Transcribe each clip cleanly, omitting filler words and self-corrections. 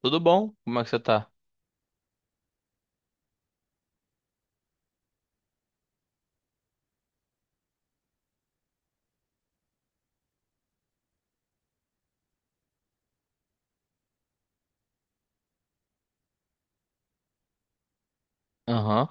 Tudo bom? Como é que você tá? Aham,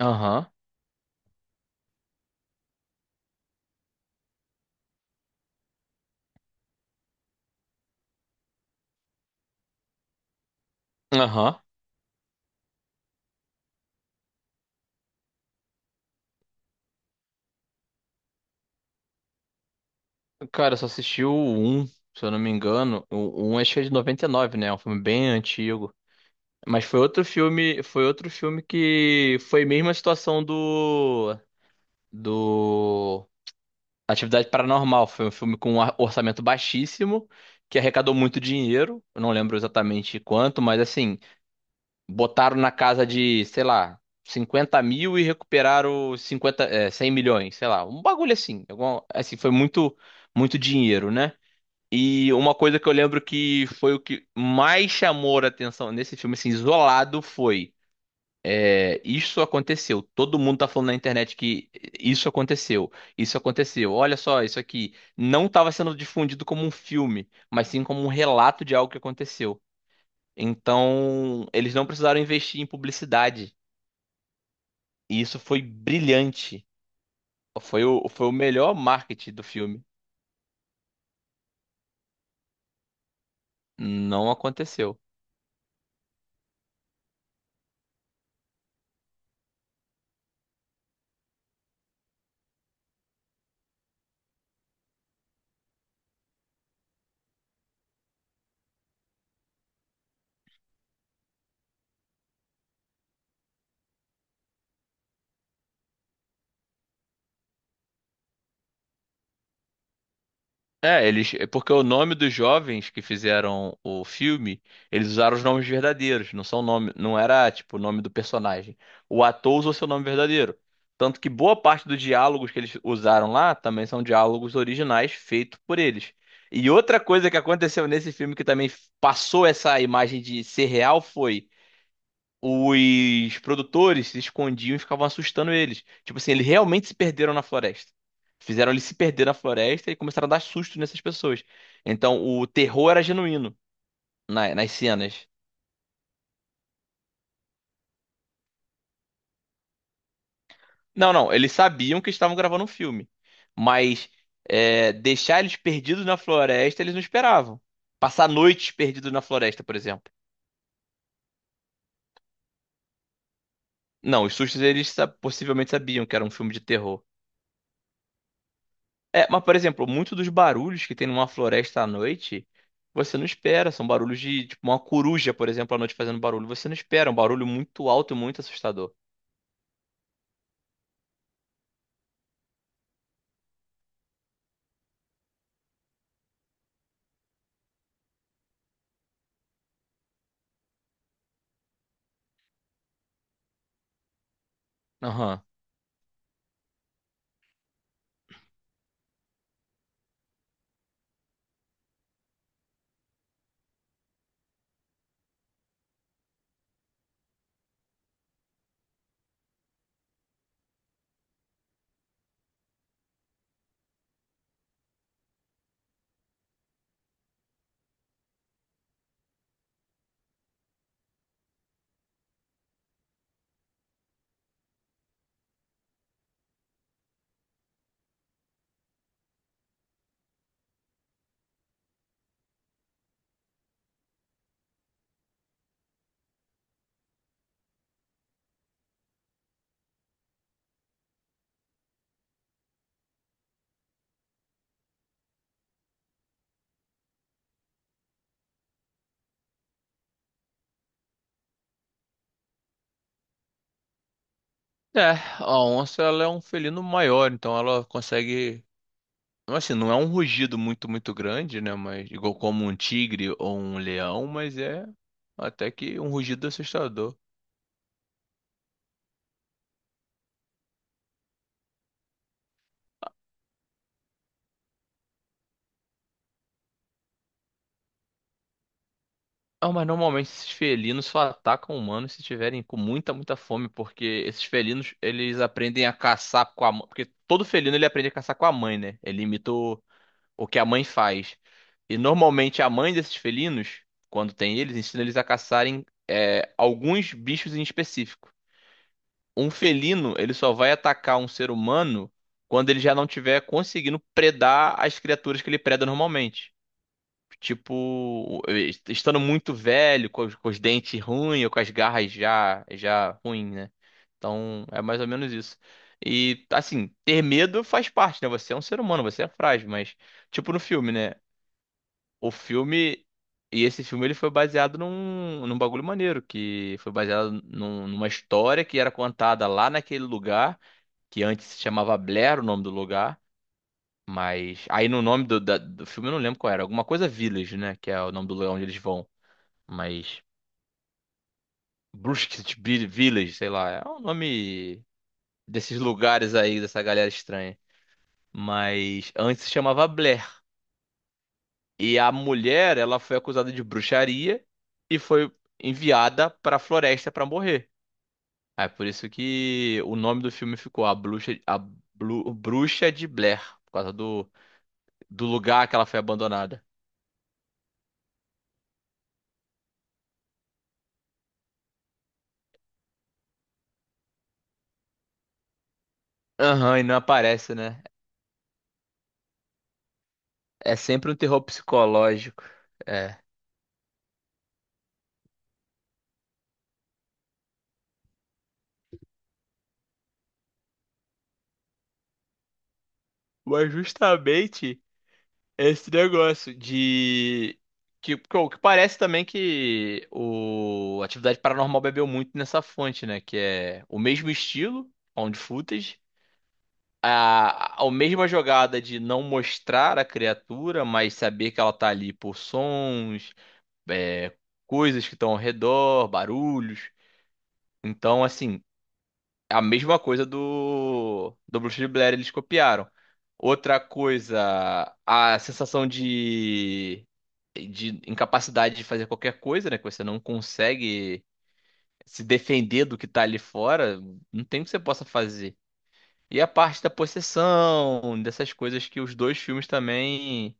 aham, aham. Cara, eu só assisti o um se eu não me engano. O 1, acho que é de 99, né? É um filme bem antigo. Mas foi outro filme que foi mesmo a situação do Atividade Paranormal. Foi um filme com um orçamento baixíssimo, que arrecadou muito dinheiro. Eu não lembro exatamente quanto, mas assim, botaram na casa de, sei lá, 50 mil, e recuperaram cinquenta 50, é, 100 milhões, sei lá, um bagulho assim. Assim, foi muito, muito dinheiro, né? E uma coisa que eu lembro que foi o que mais chamou a atenção nesse filme, assim, isolado, foi isso aconteceu. Todo mundo tá falando na internet que isso aconteceu, isso aconteceu. Olha só, isso aqui não estava sendo difundido como um filme, mas sim como um relato de algo que aconteceu. Então, eles não precisaram investir em publicidade. E isso foi brilhante. Foi o melhor marketing do filme. Não aconteceu. É, eles, é porque o nome dos jovens que fizeram o filme, eles usaram os nomes verdadeiros, não são nome, não era tipo o nome do personagem. O ator usou seu nome verdadeiro. Tanto que boa parte dos diálogos que eles usaram lá também são diálogos originais feitos por eles. E outra coisa que aconteceu nesse filme que também passou essa imagem de ser real foi os produtores se escondiam e ficavam assustando eles. Tipo assim, eles realmente se perderam na floresta. Fizeram eles se perder na floresta e começaram a dar susto nessas pessoas. Então, o terror era genuíno nas cenas. Não, não, eles sabiam que estavam gravando um filme. Mas deixar eles perdidos na floresta, eles não esperavam. Passar noites perdidos na floresta, por exemplo. Não, os sustos eles possivelmente sabiam que era um filme de terror. É, mas, por exemplo, muito dos barulhos que tem numa floresta à noite, você não espera. São barulhos de, tipo, uma coruja, por exemplo, à noite fazendo barulho. Você não espera. É um barulho muito alto e muito assustador. Aham. É, a onça, ela é um felino maior, então ela consegue. Assim, não é um rugido muito, muito grande, né? Mas igual como um tigre ou um leão, mas é até que um rugido assustador. Não, mas normalmente esses felinos só atacam humanos se tiverem com muita, muita fome, porque esses felinos, eles aprendem a caçar com a mãe, porque todo felino ele aprende a caçar com a mãe, né? Ele imita o que a mãe faz. E normalmente a mãe desses felinos, quando tem eles, ensina eles a caçarem alguns bichos em específico. Um felino, ele só vai atacar um ser humano quando ele já não tiver conseguindo predar as criaturas que ele preda normalmente. Tipo, estando muito velho, com os dentes ruins, ou com as garras já, já ruim, né? Então, é mais ou menos isso. E, assim, ter medo faz parte, né? Você é um ser humano, você é frágil, mas, tipo no filme, né? O filme, e esse filme, ele foi baseado num bagulho maneiro, que foi baseado numa história que era contada lá naquele lugar, que antes se chamava Blair, o nome do lugar. Mas aí no nome do filme eu não lembro qual era. Alguma coisa Village, né? Que é o nome do lugar onde eles vão. Mas Brusque Village, sei lá. É o nome desses lugares aí, dessa galera estranha. Mas antes se chamava Blair. E a mulher, ela foi acusada de bruxaria e foi enviada pra floresta pra morrer. É por isso que o nome do filme ficou A Bruxa, a Bruxa de Blair, por causa do lugar que ela foi abandonada. Aham, e não aparece, né? É sempre um terror psicológico. É. Mas justamente esse negócio de. O que parece também que o Atividade Paranormal bebeu muito nessa fonte, né? Que é o mesmo estilo, found footage, a mesma jogada de não mostrar a criatura, mas saber que ela tá ali por sons, coisas que estão ao redor, barulhos. Então, assim, a mesma coisa do Bruxa de Blair, eles copiaram. Outra coisa, a sensação de incapacidade de fazer qualquer coisa, né? Que você não consegue se defender do que tá ali fora, não tem o que você possa fazer. E a parte da possessão, dessas coisas que os dois filmes também.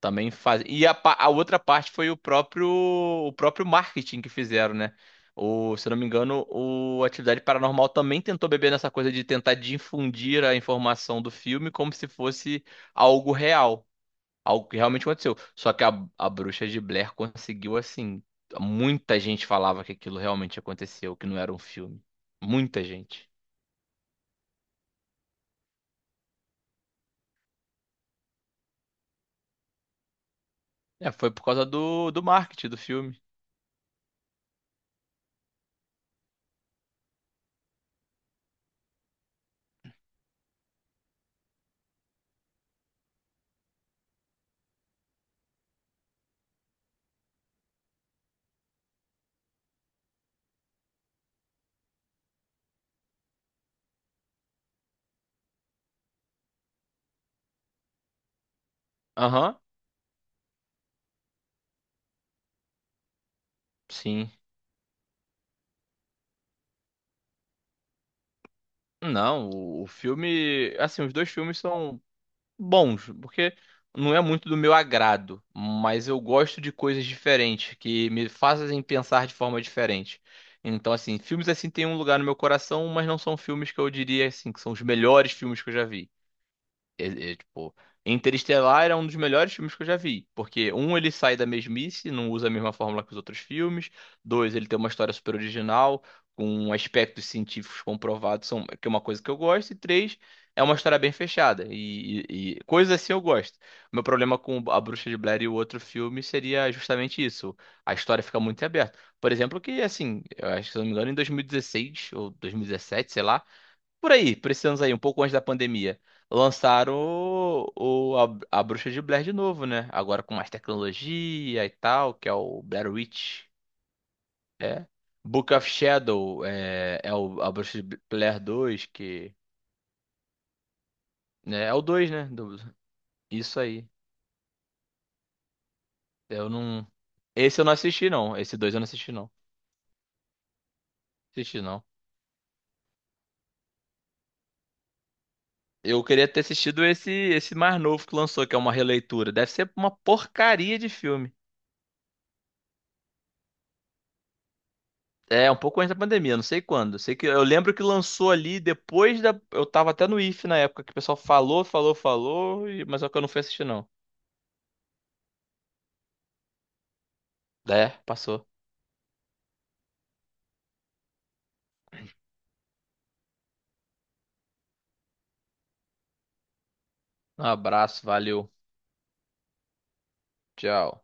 Também faz. E a outra parte foi o próprio marketing que fizeram, né? O, se eu não me engano, o Atividade Paranormal também tentou beber nessa coisa de tentar difundir a informação do filme como se fosse algo real, algo que realmente aconteceu. Só que a Bruxa de Blair conseguiu, assim, muita gente falava que aquilo realmente aconteceu, que não era um filme. Muita gente. É, foi por causa do marketing do filme. Aham, sim. Não, o filme, assim, os dois filmes são bons, porque não é muito do meu agrado, mas eu gosto de coisas diferentes que me fazem pensar de forma diferente. Então, assim, filmes assim têm um lugar no meu coração, mas não são filmes que eu diria assim que são os melhores filmes que eu já vi. É, tipo, Interestelar era um dos melhores filmes que eu já vi. Porque, um, ele sai da mesmice, não usa a mesma fórmula que os outros filmes. Dois, ele tem uma história super original, com aspectos científicos comprovados, são, que é uma coisa que eu gosto. E três, é uma história bem fechada. E, e coisas assim eu gosto. Meu problema com A Bruxa de Blair e o outro filme seria justamente isso. A história fica muito em aberto. Por exemplo, que, assim, eu acho que, se eu não me engano, em 2016 ou 2017, sei lá, por aí, por esses anos aí, um pouco antes da pandemia, lançaram o- a Bruxa de Blair de novo, né? Agora com mais tecnologia e tal, que é o Blair Witch. É. Book of Shadow a Bruxa de Blair 2, que, né, é o 2, né? Isso aí. Eu não. Esse eu não assisti, não. Esse 2 eu não assisti, não. Assisti, não. Eu queria ter assistido esse mais novo que lançou, que é uma releitura. Deve ser uma porcaria de filme. É, um pouco antes da pandemia, não sei quando. Sei que eu lembro que lançou ali depois da. Eu tava até no IF na época que o pessoal falou, falou, falou, mas só que eu não fui assistir, não. É, passou. Um abraço, valeu. Tchau.